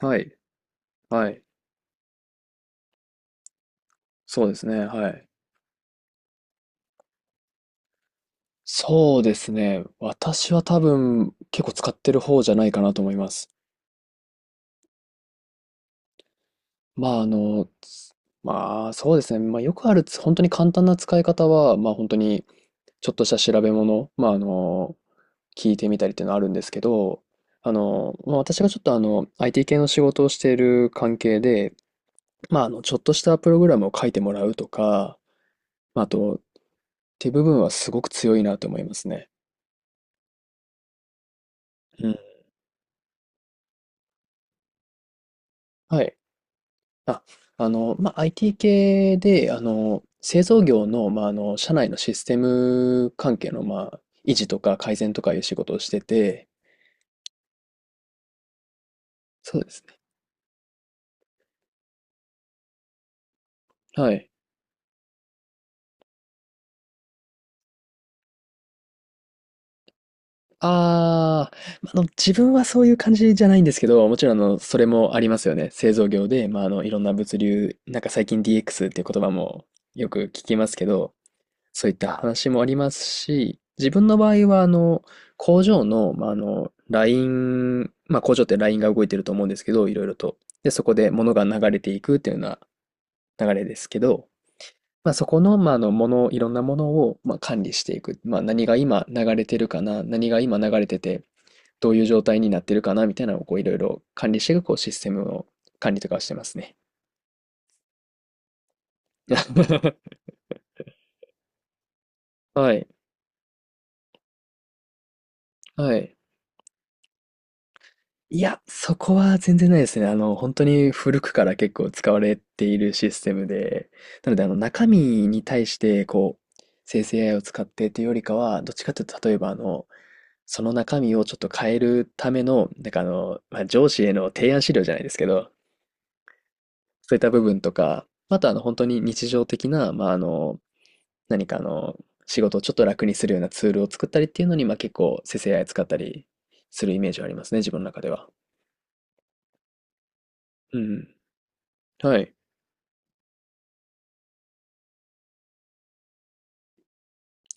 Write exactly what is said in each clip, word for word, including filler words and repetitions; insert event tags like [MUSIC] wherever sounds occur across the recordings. はい。はい。そうですね。はい。そうですね。私は多分結構使ってる方じゃないかなと思います。まああの、つまあそうですね。まあよくあるつ本当に簡単な使い方は、まあ本当にちょっとした調べ物、まああの、聞いてみたりっていうのはあるんですけど、あの、まあ私がちょっとあの、アイティー 系の仕事をしている関係で、まああの、ちょっとしたプログラムを書いてもらうとか、まああと、っていう部分はすごく強いなと思いますね。うん。はい。あ、あの、まあ、アイティー 系で、あの、製造業の、まあ、あの、社内のシステム関係の、まあ、維持とか改善とかいう仕事をしてて、そうですね。はい。あー、まああの、自分はそういう感じじゃないんですけど、もちろん、あの、それもありますよね。製造業で、まあ、あの、いろんな物流、なんか最近 ディーエックス っていう言葉もよく聞きますけど、そういった話もありますし、自分の場合は、あの、工場の、まあ、あの、ライン、まあ、工場ってラインが動いてると思うんですけど、いろいろと。で、そこで物が流れていくっていうような流れですけど、まあ、そこの、まあ、あの、もの、いろんなものを、まあ、管理していく。まあ、何が今流れてるかな、何が今流れてて、どういう状態になってるかな、みたいなのを、こう、いろいろ管理していく、こう、システムの管理とかをしてますね。[LAUGHS] はい。はい。いや、そこは全然ないですね。あの、本当に古くから結構使われているシステムで、なので、あの、中身に対して、こう、生成 エーアイ を使ってというよりかは、どっちかというと、例えば、あの、その中身をちょっと変えるための、なんかあの、まあ、上司への提案資料じゃないですけど、そういった部分とか、あと、あの、本当に日常的な、まあ、あの、何かあの、仕事をちょっと楽にするようなツールを作ったりっていうのに、まあ、結構生成 エーアイ 使ったりするイメージはありますね、自分の中では。うん。はい。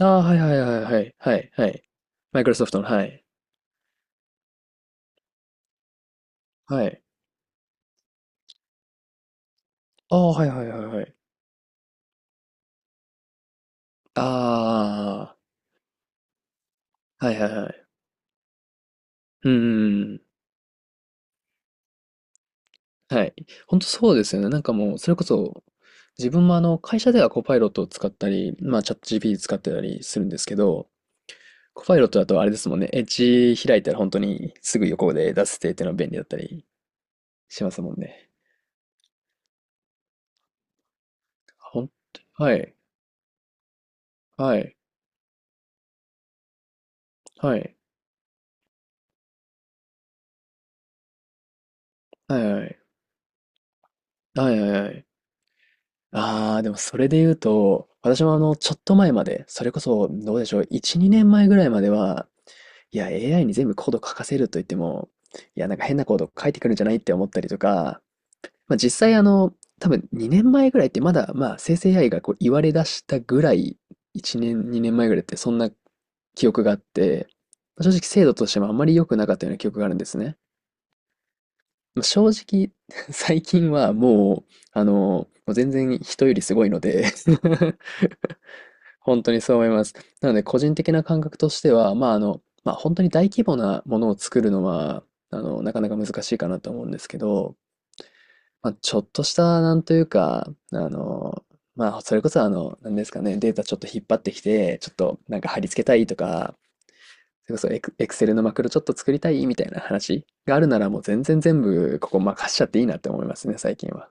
ああ、はいはいはいはいはい、はい。マイクロソフトの、はい。はい。ああ、はいはいはいはい。ああ、はいはいはい。うんうんうん。はい。本当そうですよね。なんかもう、それこそ、自分もあの、会社ではコパイロットを使ったり、まあ、チャット ジーピーティー 使ってたりするんですけど、コパイロットだとあれですもんね。エッジ開いたら本当にすぐ横で出せてっていうのは便利だったりしますもんね。ほんはいはいはい。はいはいはいはいはい。ああ、でもそれで言うと、私もあの、ちょっと前まで、それこそ、どうでしょう、いち、にねんまえぐらいまでは、いや、エーアイ に全部コード書かせると言っても、いや、なんか変なコード書いてくるんじゃないって思ったりとか、まあ実際あの、多分にねんまえぐらいってまだ、まあ生成 エーアイ がこう言われ出したぐらい、いちねん、にねんまえぐらいってそんな記憶があって、まあ正直精度としてもあんまり良くなかったような記憶があるんですね。まあ正直、[LAUGHS] 最近はもう、あの、もう全然人よりすごいので本当にそう思います。なので、個人的な感覚としては、まあ、あの、まあ、本当に大規模なものを作るのは、あの、なかなか難しいかなと思うんですけど、まあ、ちょっとした、なんというか、あの、まあ、それこそ、あの、なんですかね、データちょっと引っ張ってきて、ちょっとなんか貼り付けたいとか、それこそエク、エクセルのマクロちょっと作りたいみたいな話があるなら、もう全然全部、ここ任しちゃっていいなって思いますね、最近は。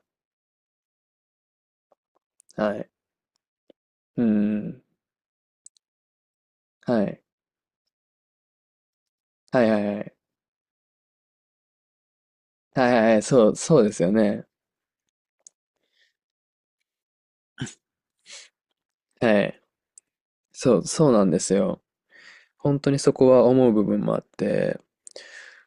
はい。うん。はい。はいはいはい。はいはいはい。そう、そうですよね。はい。そう、そうなんですよ。本当にそこは思う部分もあって、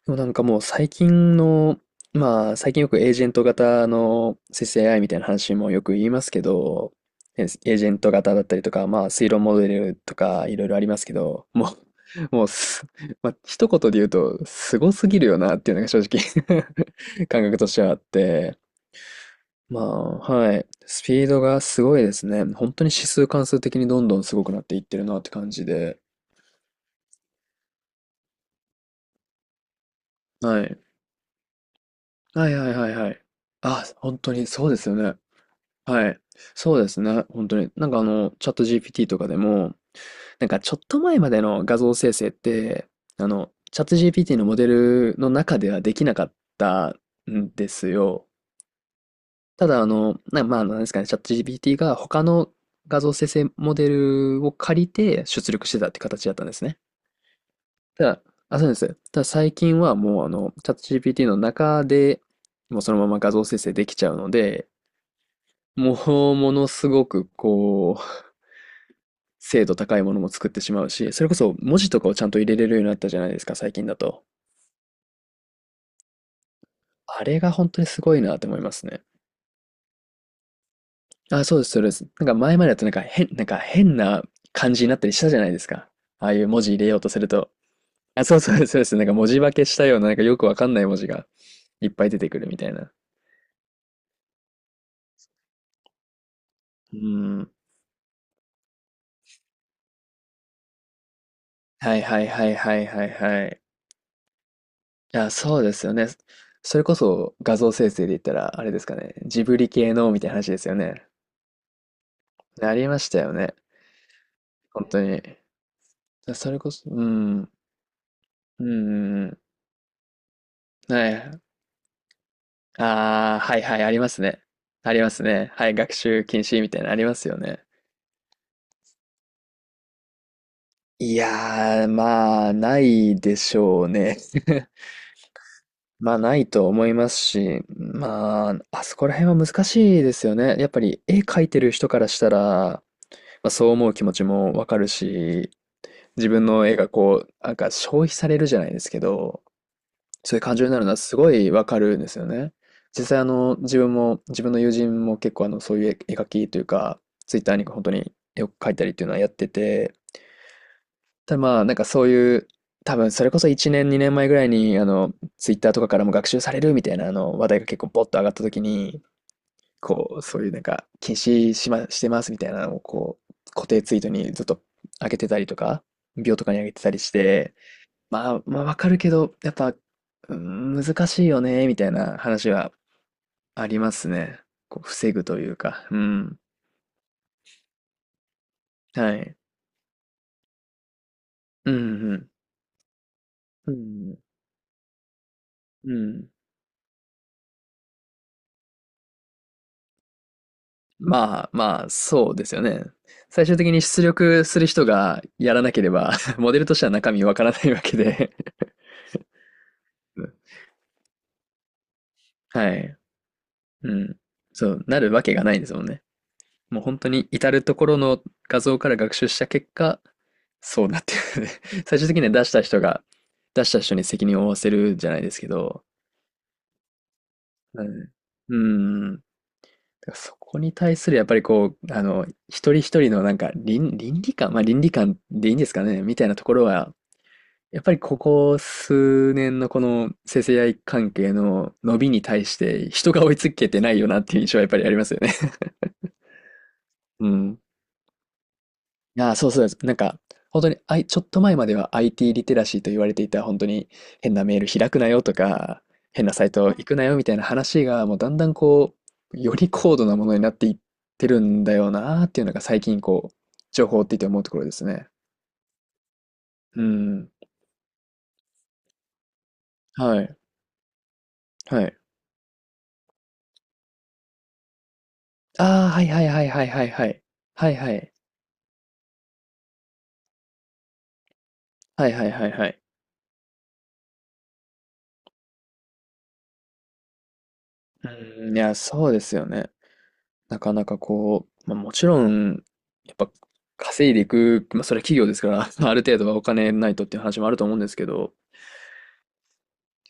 でもなんかもう最近の、まあ最近よくエージェント型の生成 a イみたいな話もよく言いますけど、エージェント型だったりとか、まあ推論モデルとかいろいろありますけど、もう、[LAUGHS] もうす、まあ一言で言うと、すごすぎるよなっていうのが正直 [LAUGHS] 感覚としてはあって、まあ、はい。スピードがすごいですね。本当に指数関数的にどんどんすごくなっていってるなって感じで。はい。はいはいはいはい。あ、本当にそうですよね。はい。そうですね。本当に。なんかあの、チャット ジーピーティー とかでも、なんかちょっと前までの画像生成って、あの、チャット ジーピーティー のモデルの中ではできなかったんですよ。ただあの、な、まあ、なんですかね、チャット ジーピーティー が他の画像生成モデルを借りて出力してたって形だったんですね。ただ、あ、そうです。ただ最近はもうあの、チャット ジーピーティー の中でもうそのまま画像生成できちゃうので、もうものすごくこう、精度高いものも作ってしまうし、それこそ文字とかをちゃんと入れれるようになったじゃないですか、最近だと。あれが本当にすごいなって思いますね。あ、そうです、そうです。なんか前までだとなんか変、なんか変な感じになったりしたじゃないですか。ああいう文字入れようとすると。あ、そうそうです、そうです。なんか文字化けしたような、なんかよくわかんない文字がいっぱい出てくるみたいな。うん。はいはいはいはいはいはい。いや、そうですよね。それこそ画像生成で言ったら、あれですかね。ジブリ系のみたいな話ですよね。ありましたよね。本当に。それこそ、うん。うんうんうん。はい。ああ、はいはい、ありますね。ありますね。はい、学習禁止みたいなのありますよね。いやー、まあ、ないでしょうね。[LAUGHS] まあ、ないと思いますし、まあ、あそこら辺は難しいですよね。やっぱり、絵描いてる人からしたら、まあ、そう思う気持ちもわかるし、自分の絵がこう、なんか消費されるじゃないですけど、そういう感情になるのはすごいわかるんですよね。実際あの、自分も、自分の友人も結構あの、そういう絵描きというか、ツイッターに本当によく描いたりっていうのはやってて、ただまあ、なんかそういう、多分それこそいちねん、にねんまえぐらいに、あの、ツイッターとかからも学習されるみたいなあの、話題が結構ポッと上がった時に、こう、そういうなんか、禁止しま、してますみたいなのをこう、固定ツイートにずっと上げてたりとか、秒とかに上げてたりして、まあ、まあわかるけど、やっぱ、うーん、難しいよね、みたいな話はありますね。こう、防ぐというか、うん。はい。うん、うん、うん、うん。まあまあ、そうですよね。最終的に出力する人がやらなければ [LAUGHS] モデルとしては中身わからないわけで [LAUGHS] はい。うん。そう、なるわけがないですもんね。もう本当に至るところの画像から学習した結果、そうなってるね。[LAUGHS] 最終的には出した人が、出した人に責任を負わせるじゃないですけど、うん。うん。だからそこに対するやっぱりこう、あの、一人一人のなんか倫、倫理観、まあ倫理観でいいんですかね、みたいなところは、やっぱりここ数年のこの生成 a 関係の伸びに対して人が追いつけてないよなっていう印象はやっぱりありますよね。[LAUGHS] うん。ああ、そうそうです。なんか、本当に、あい、ちょっと前までは アイティー リテラシーと言われていた、本当に変なメール開くなよとか、変なサイト行くなよみたいな話が、もうだんだんこう、より高度なものになっていってるんだよなーっていうのが最近こう、情報を追っていて思うところですね。うん。はい。はい。ああ、はいはいはいはいはいはい。はいはい。はいはいはいはい。うん、いや、そうですよね。なかなかこう、まあ、もちろん、やっぱ稼いでいく、まあ、それは企業ですから、[LAUGHS] ある程度はお金ないとっていう話もあると思うんですけど、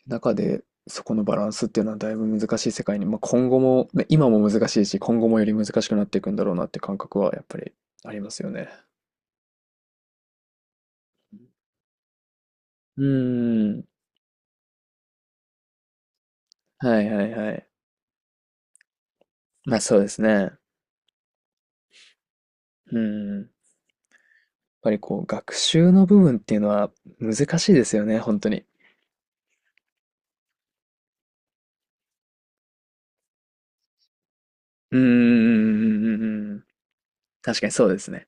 中でそこのバランスっていうのはだいぶ難しい世界に、まあ、今後も、まあ今も難しいし、今後もより難しくなっていくんだろうなって感覚はやっぱりありますよね。うーん。はいはいはい。まあそうですね。うん。やっぱりこう、学習の部分っていうのは難しいですよね、本当に。うんうんうんうんうんうん。確かにそうですね。